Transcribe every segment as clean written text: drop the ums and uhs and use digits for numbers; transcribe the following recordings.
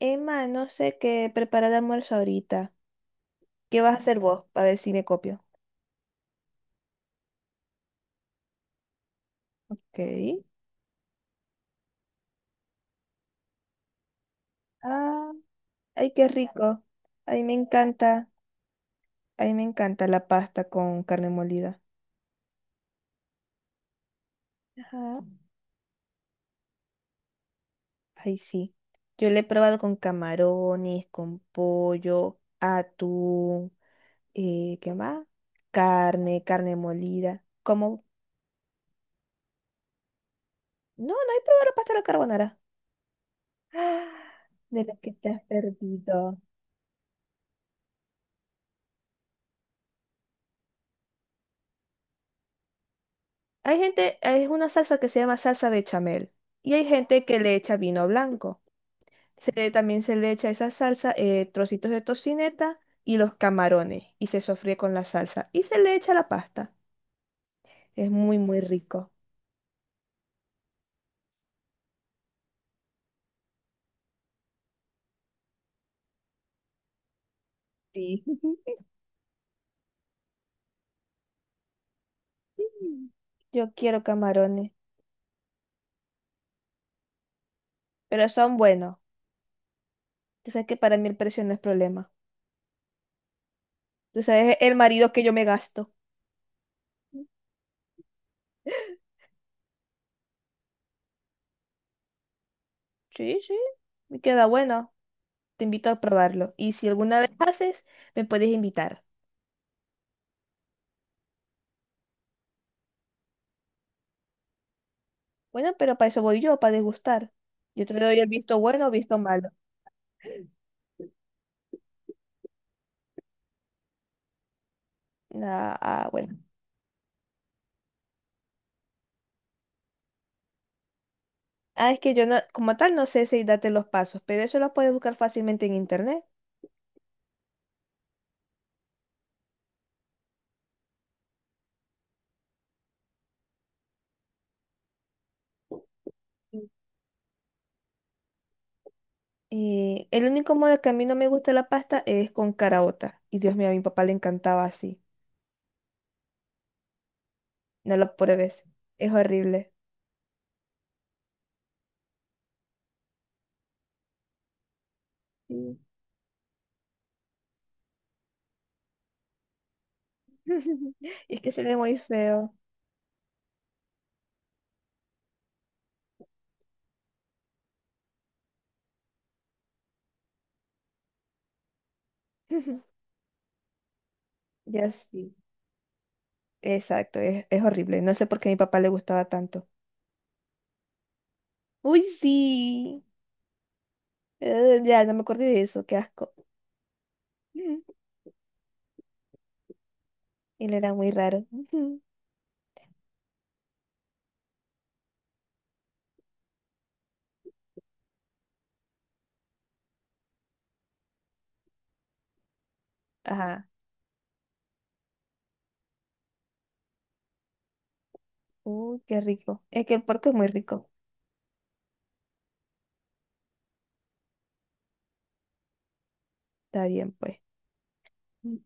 Emma, no sé qué preparar de almuerzo ahorita. ¿Qué vas a hacer vos? A ver si me copio. Ok. Ah, ay, qué rico. Ay, me encanta. Ay, me encanta la pasta con carne molida. Ajá. Ay, sí. Yo la he probado con camarones, con pollo, atún, ¿qué más? Carne, molida. Como, no, no he probado la pasta a la carbonara. Ah, de lo que te has perdido. Hay gente, es una salsa que se llama salsa bechamel y hay gente que le echa vino blanco. También se le echa esa salsa, trocitos de tocineta y los camarones y se sofríe con la salsa y se le echa la pasta. Es muy, muy rico. Sí. Mm. Yo quiero camarones, pero son buenos. Tú sabes que para mí el precio no es problema. Tú sabes el marido que yo me gasto. Sí, sí, me queda bueno. Te invito a probarlo. Y si alguna vez haces, me puedes invitar. Bueno, pero para eso voy yo, para degustar. Yo te doy el visto bueno o visto malo. Ah, ah, bueno. Ah, es que yo no, como tal no sé si date los pasos, pero eso lo puedes buscar fácilmente en internet. El único modo que a mí no me gusta la pasta es con caraota. Y Dios mío, a mi papá le encantaba así. No lo pruebes. Es horrible. Sí. Y es que se ve muy feo. Ya sí. Exacto, es horrible. No sé por qué a mi papá le gustaba tanto. Uy, sí. Ya, no me acuerdo de eso. Qué asco. Ujú. Él era muy raro. Ujú. Ajá. Qué rico. Es que el porco es muy rico. Está bien, pues. Mm.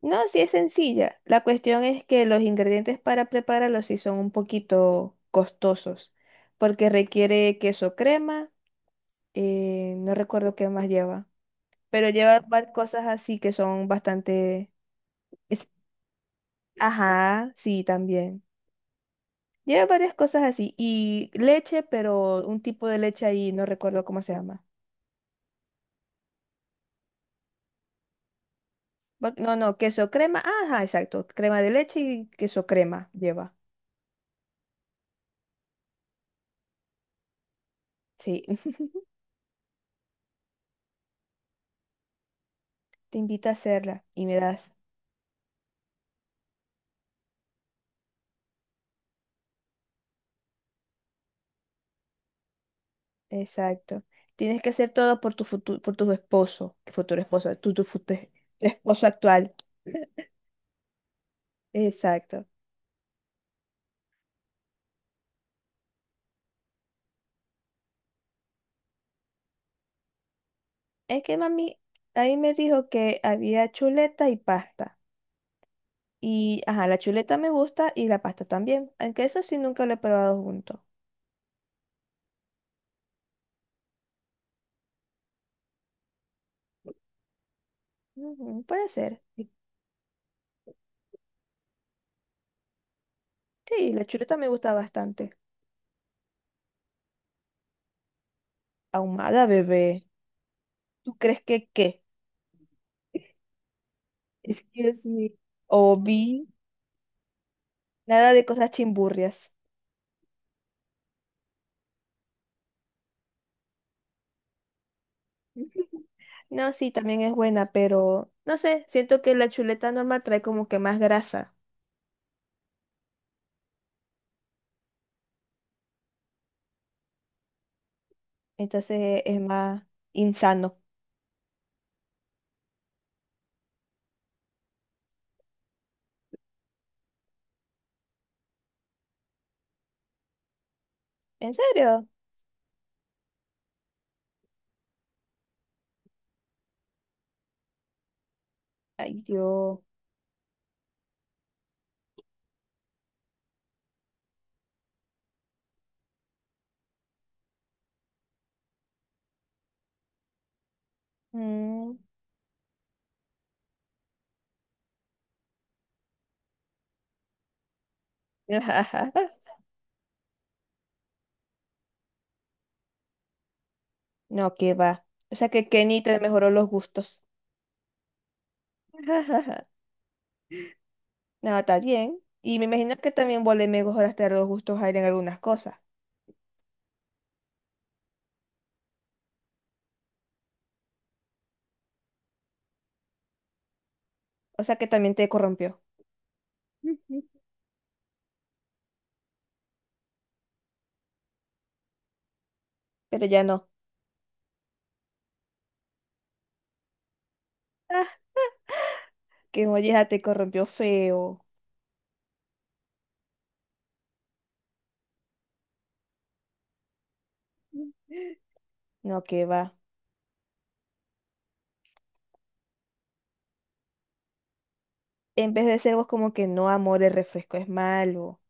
No, sí es sencilla. La cuestión es que los ingredientes para prepararlo sí son un poquito costosos, porque requiere queso crema, no recuerdo qué más lleva, pero lleva varias cosas así que son bastante... es- Ajá, sí, también. Lleva varias cosas así y leche, pero un tipo de leche ahí, no recuerdo cómo se llama. No, no, queso crema. Ah, ajá, exacto. Crema de leche y queso crema lleva. Sí, te invito a hacerla y me das. Exacto. Tienes que hacer todo por tu futuro, por tu esposo, que futuro esposo, tu esposo actual. Exacto. Es que mami ahí me dijo que había chuleta y pasta. Y, ajá, la chuleta me gusta y la pasta también. Aunque eso sí nunca lo he probado junto. Ujú, puede ser. Sí, la chuleta me gusta bastante. Ahumada, bebé. ¿Tú crees que qué? Excuse me. O vi nada de cosas chimburrias. No, sí, también es buena, pero no sé, siento que la chuleta normal trae como que más grasa, entonces es más insano. ¿En serio? Ay, Dios. Mm. No, que va. O sea que Kenny te mejoró los gustos. No, está bien. Y me imagino que también vos le mejoraste los gustos a él en algunas cosas. O sea que también te corrompió. Pero ya no. Que oye, ya te corrompió feo. No, que va. En vez de ser vos como que no, amor, el refresco es malo.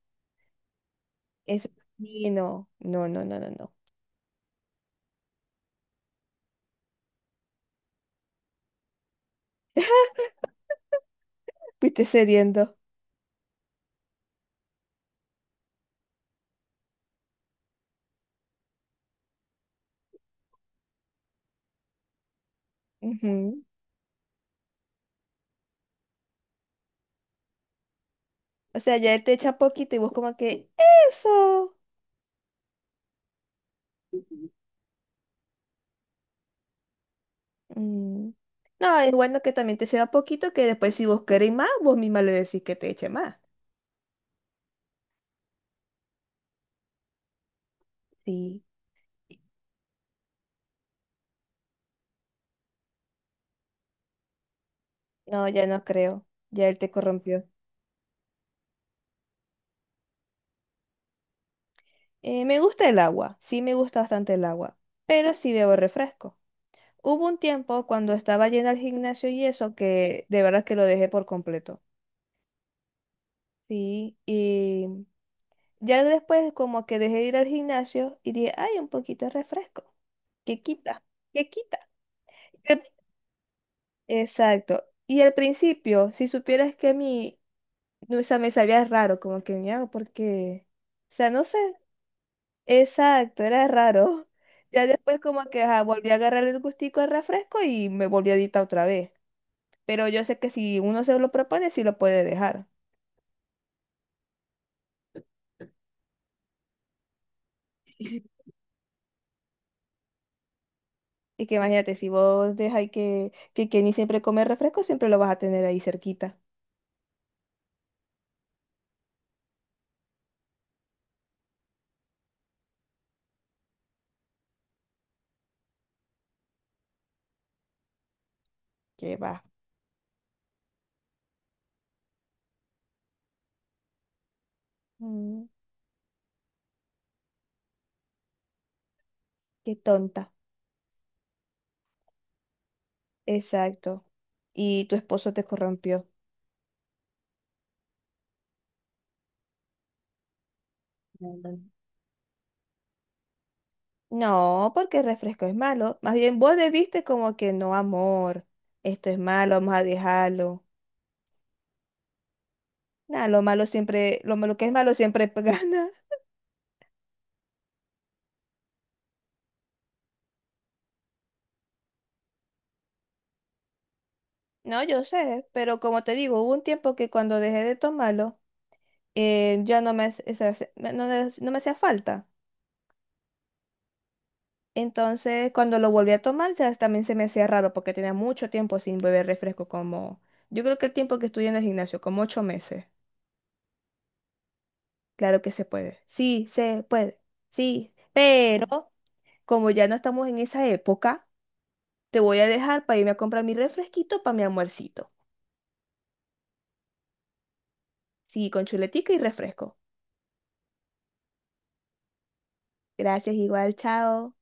Eso es dañino. No, no, no, no, no. Fuiste cediendo. Ujú. O sea, ya él te echa poquito y vos como que, eso. Mm. No, es bueno que también te ceda poquito, que después si vos queréis más, vos misma le decís que te eche más. Sí. No, ya no creo. Ya él te corrompió. Me gusta el agua. Sí, me gusta bastante el agua. Pero sí bebo refresco. Hubo un tiempo cuando estaba llena al gimnasio y eso que de verdad que lo dejé por completo. Sí, y ya después como que dejé de ir al gimnasio y dije, ay, un poquito de refresco. ¿Qué quita? ¿Qué quita? ¿Qué-". Exacto. Y al principio, si supieras que a mí, no, o sea, me sabía raro, como que me hago porque, o sea, no sé, exacto, era raro. Ya después como que ajá, volví a agarrar el gustico al refresco y me volví adicta otra vez. Pero yo sé que si uno se lo propone, sí lo puede dejar. Y que imagínate, si vos dejáis que Kenny siempre come refresco, siempre lo vas a tener ahí cerquita. Que va. Mm, qué tonta. Exacto. Y tu esposo te corrompió. Ándale. No, porque el refresco es malo. Más bien vos debiste como que no, amor, esto es malo, vamos a dejarlo. Nada, lo malo siempre, lo malo que es malo siempre gana. No, yo sé, pero como te digo, hubo un tiempo que cuando dejé de tomarlo, ya no me, o sea, no, me no me hacía falta. Entonces, cuando lo volví a tomar, ya también se me hacía raro porque tenía mucho tiempo sin beber refresco, como yo creo que el tiempo que estudié en el gimnasio, como 8 meses. Claro que se puede. Sí, se puede. Sí, pero como ya no estamos en esa época, te voy a dejar para irme a comprar mi refresquito para mi almuercito. Sí, con chuletica y refresco. Gracias, igual, chao.